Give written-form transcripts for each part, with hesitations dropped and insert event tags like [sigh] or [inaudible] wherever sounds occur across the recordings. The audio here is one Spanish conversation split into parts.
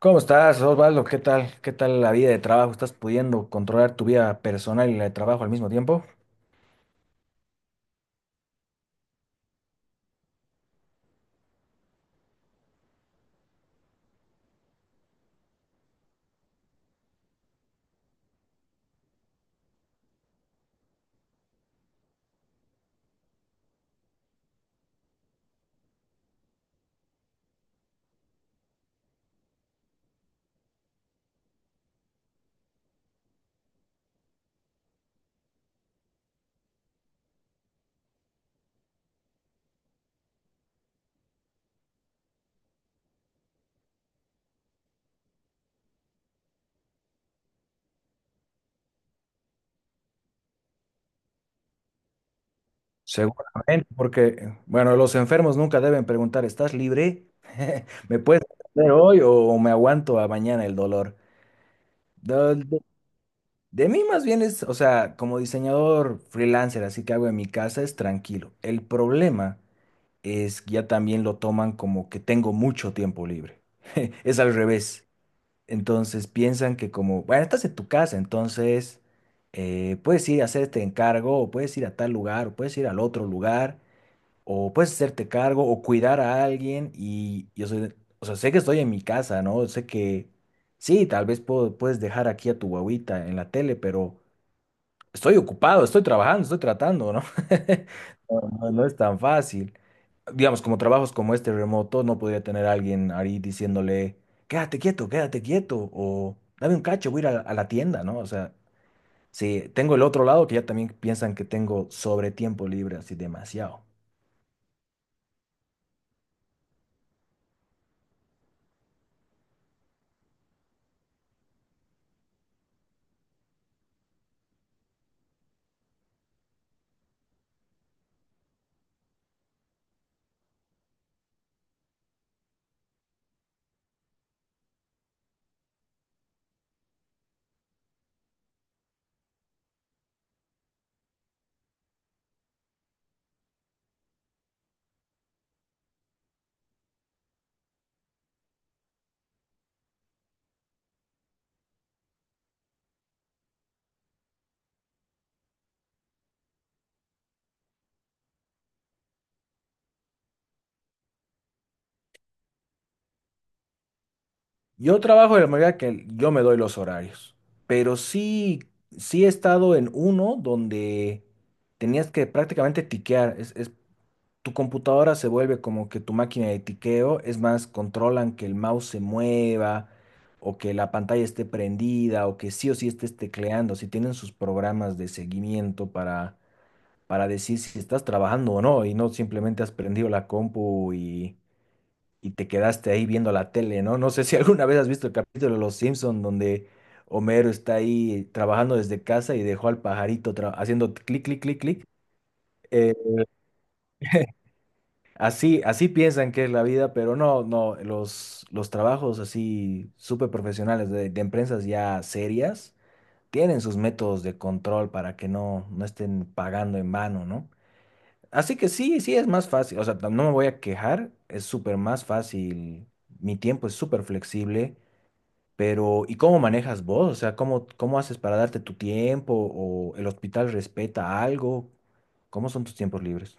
¿Cómo estás, Osvaldo? ¿Qué tal? ¿Qué tal la vida de trabajo? ¿Estás pudiendo controlar tu vida personal y la de trabajo al mismo tiempo? Seguramente, porque, bueno, los enfermos nunca deben preguntar, ¿estás libre? [laughs] ¿Me puedes atender hoy o me aguanto a mañana el dolor? De, de- de mí más bien es, o sea, como diseñador freelancer, así que hago en mi casa, es tranquilo. El problema es que ya también lo toman como que tengo mucho tiempo libre. [laughs] Es al revés. Entonces piensan que como, bueno, estás en tu casa, entonces puedes ir a hacer este encargo, o puedes ir a tal lugar, o puedes ir al otro lugar, o puedes hacerte cargo, o cuidar a alguien. Y yo soy, o sea, sé que estoy en mi casa, ¿no? Sé que sí, tal vez puedes dejar aquí a tu guagüita en la tele, pero estoy ocupado, estoy trabajando, estoy tratando, ¿no? [laughs] No, no es tan fácil digamos, como trabajos como este remoto, no podría tener a alguien ahí diciéndole, quédate quieto, o dame un cacho, voy a ir a la tienda, ¿no? O sea, sí, tengo el otro lado que ya también piensan que tengo sobre tiempo libre, así demasiado. Yo trabajo de la manera que yo me doy los horarios, pero sí, sí he estado en uno donde tenías que prácticamente tiquear. Es tu computadora, se vuelve como que tu máquina de tiqueo, es más, controlan que el mouse se mueva o que la pantalla esté prendida o que sí o sí estés tecleando, si tienen sus programas de seguimiento para decir si estás trabajando o no y no simplemente has prendido la compu y te quedaste ahí viendo la tele, ¿no? No sé si [laughs] alguna vez has visto el capítulo de Los Simpson donde... Homero está ahí trabajando desde casa y dejó al pajarito haciendo clic, clic, clic, clic. Así, así piensan que es la vida, pero no, no, los trabajos así súper profesionales de, empresas ya serias tienen sus métodos de control para que no, no estén pagando en vano, ¿no? Así que sí, sí es más fácil, o sea, no me voy a quejar, es súper más fácil, mi tiempo es súper flexible, pero ¿y cómo manejas vos? O sea, ¿cómo, cómo haces para darte tu tiempo o el hospital respeta algo? ¿Cómo son tus tiempos libres?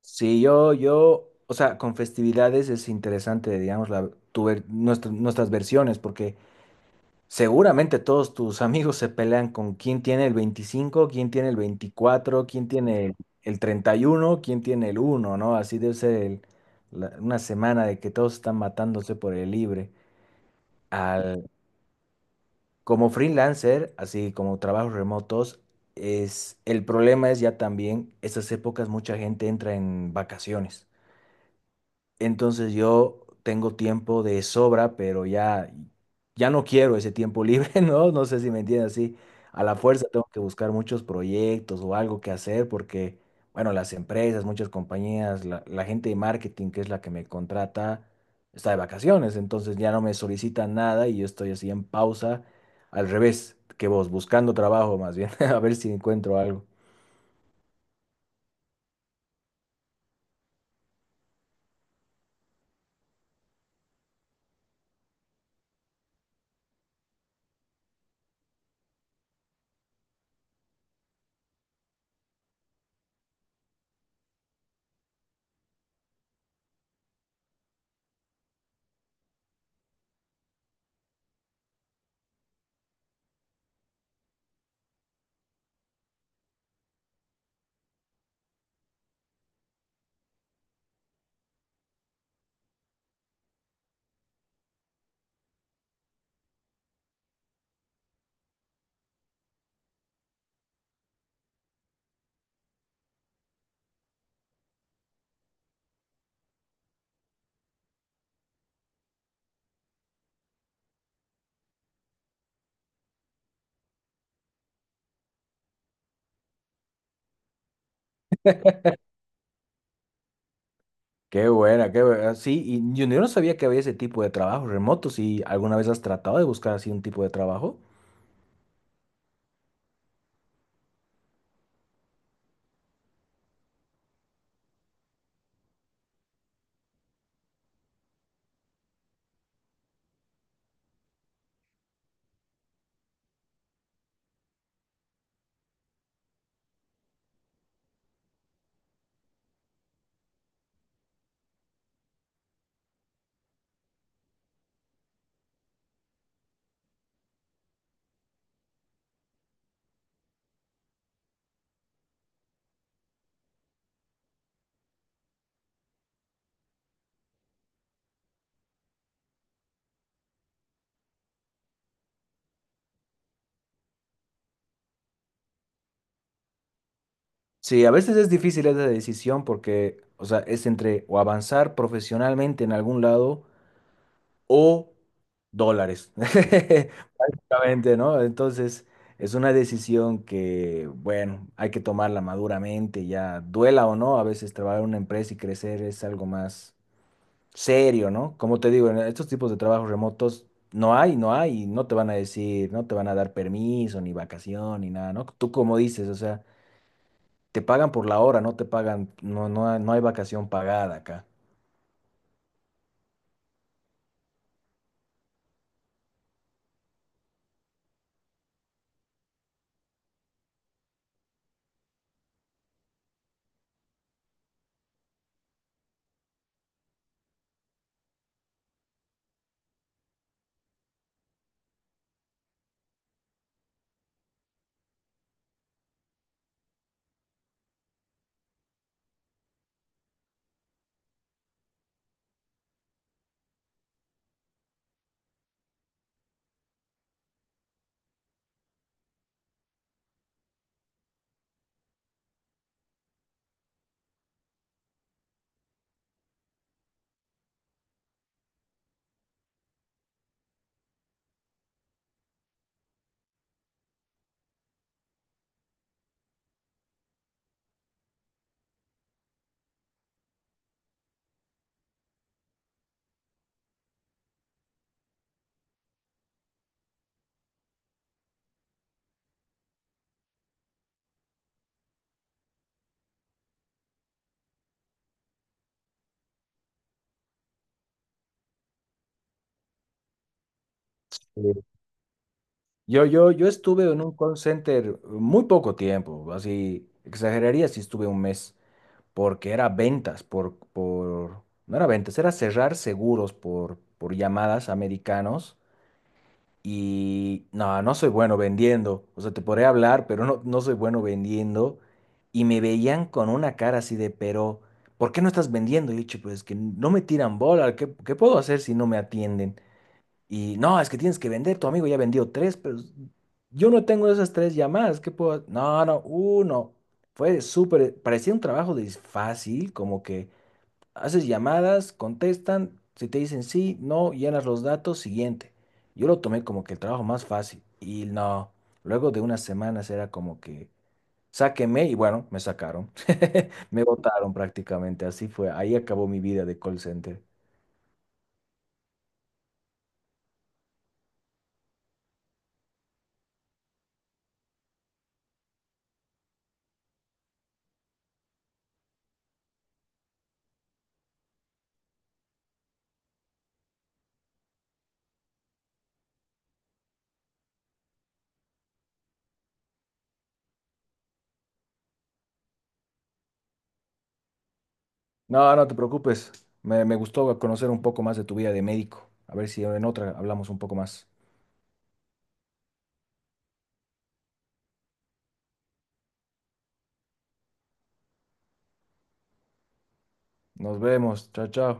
Sí, yo, o sea, con festividades es interesante, digamos, la, tu ver- nuestra- nuestras versiones, porque seguramente todos tus [laughs] amigos se pelean con quién tiene el 25, quién tiene el 24, quién tiene el 31, quién tiene el 1, ¿no? Así debe ser una semana de que todos están matándose por el libre. Al, como freelancer, así como trabajos remotos, el problema es ya también, esas épocas mucha gente entra en vacaciones. Entonces yo tengo tiempo de sobra, pero ya, ya no quiero ese tiempo libre, [laughs] ¿no? No sé si me entiendes así. A la fuerza tengo que buscar muchos proyectos o algo que hacer porque, bueno, las empresas, muchas compañías, la gente de marketing, que es la que me contrata, está de vacaciones, entonces ya no me solicitan nada y yo estoy así en pausa, al revés que vos, buscando trabajo más bien, [laughs] a ver si encuentro algo. Qué buena, qué buena. Sí, y yo no sabía que había ese tipo de trabajo remoto. Si alguna vez has tratado de buscar así un tipo de trabajo. Sí, a veces es difícil esa decisión porque, o sea, es entre o avanzar profesionalmente en algún lado o dólares. [laughs] Justamente, ¿no? Entonces, es una decisión que, bueno, hay que tomarla maduramente, ya duela o no. A veces trabajar en una empresa y crecer es algo más serio, ¿no? Como te digo, en estos tipos de trabajos remotos no hay, no te van a decir, no te van a dar permiso, ni vacación, ni nada, ¿no? Tú como dices, o sea, te pagan por la hora, no te pagan, no, no, hay- no hay vacación pagada acá. Sí. Yo estuve en un call center muy poco tiempo, así, exageraría si estuve un mes, porque era ventas por, no era ventas, era cerrar seguros por llamadas americanos. Y no, no soy bueno vendiendo. O sea, te podría hablar, pero no, no soy bueno vendiendo. Y me veían con una cara así de, pero, ¿por qué no estás vendiendo? Y yo, "Che, pues es que no me tiran bola. ¿Qué puedo hacer si no me atienden? Y no, es que tienes que vender. Tu amigo ya vendió tres, pero yo no tengo esas tres llamadas. ¿Qué puedo? No, no, uno. Fue súper, parecía un trabajo de fácil, como que haces llamadas, contestan, si te dicen sí, no, llenas los datos, siguiente. Yo lo tomé como que el trabajo más fácil y no, luego de unas semanas era como que sáquenme y bueno, me sacaron. [laughs] Me botaron prácticamente, así fue. Ahí acabó mi vida de call center. No, no te preocupes, me gustó conocer un poco más de tu vida de médico. A ver si en otra hablamos un poco más. Nos vemos, chao, chao.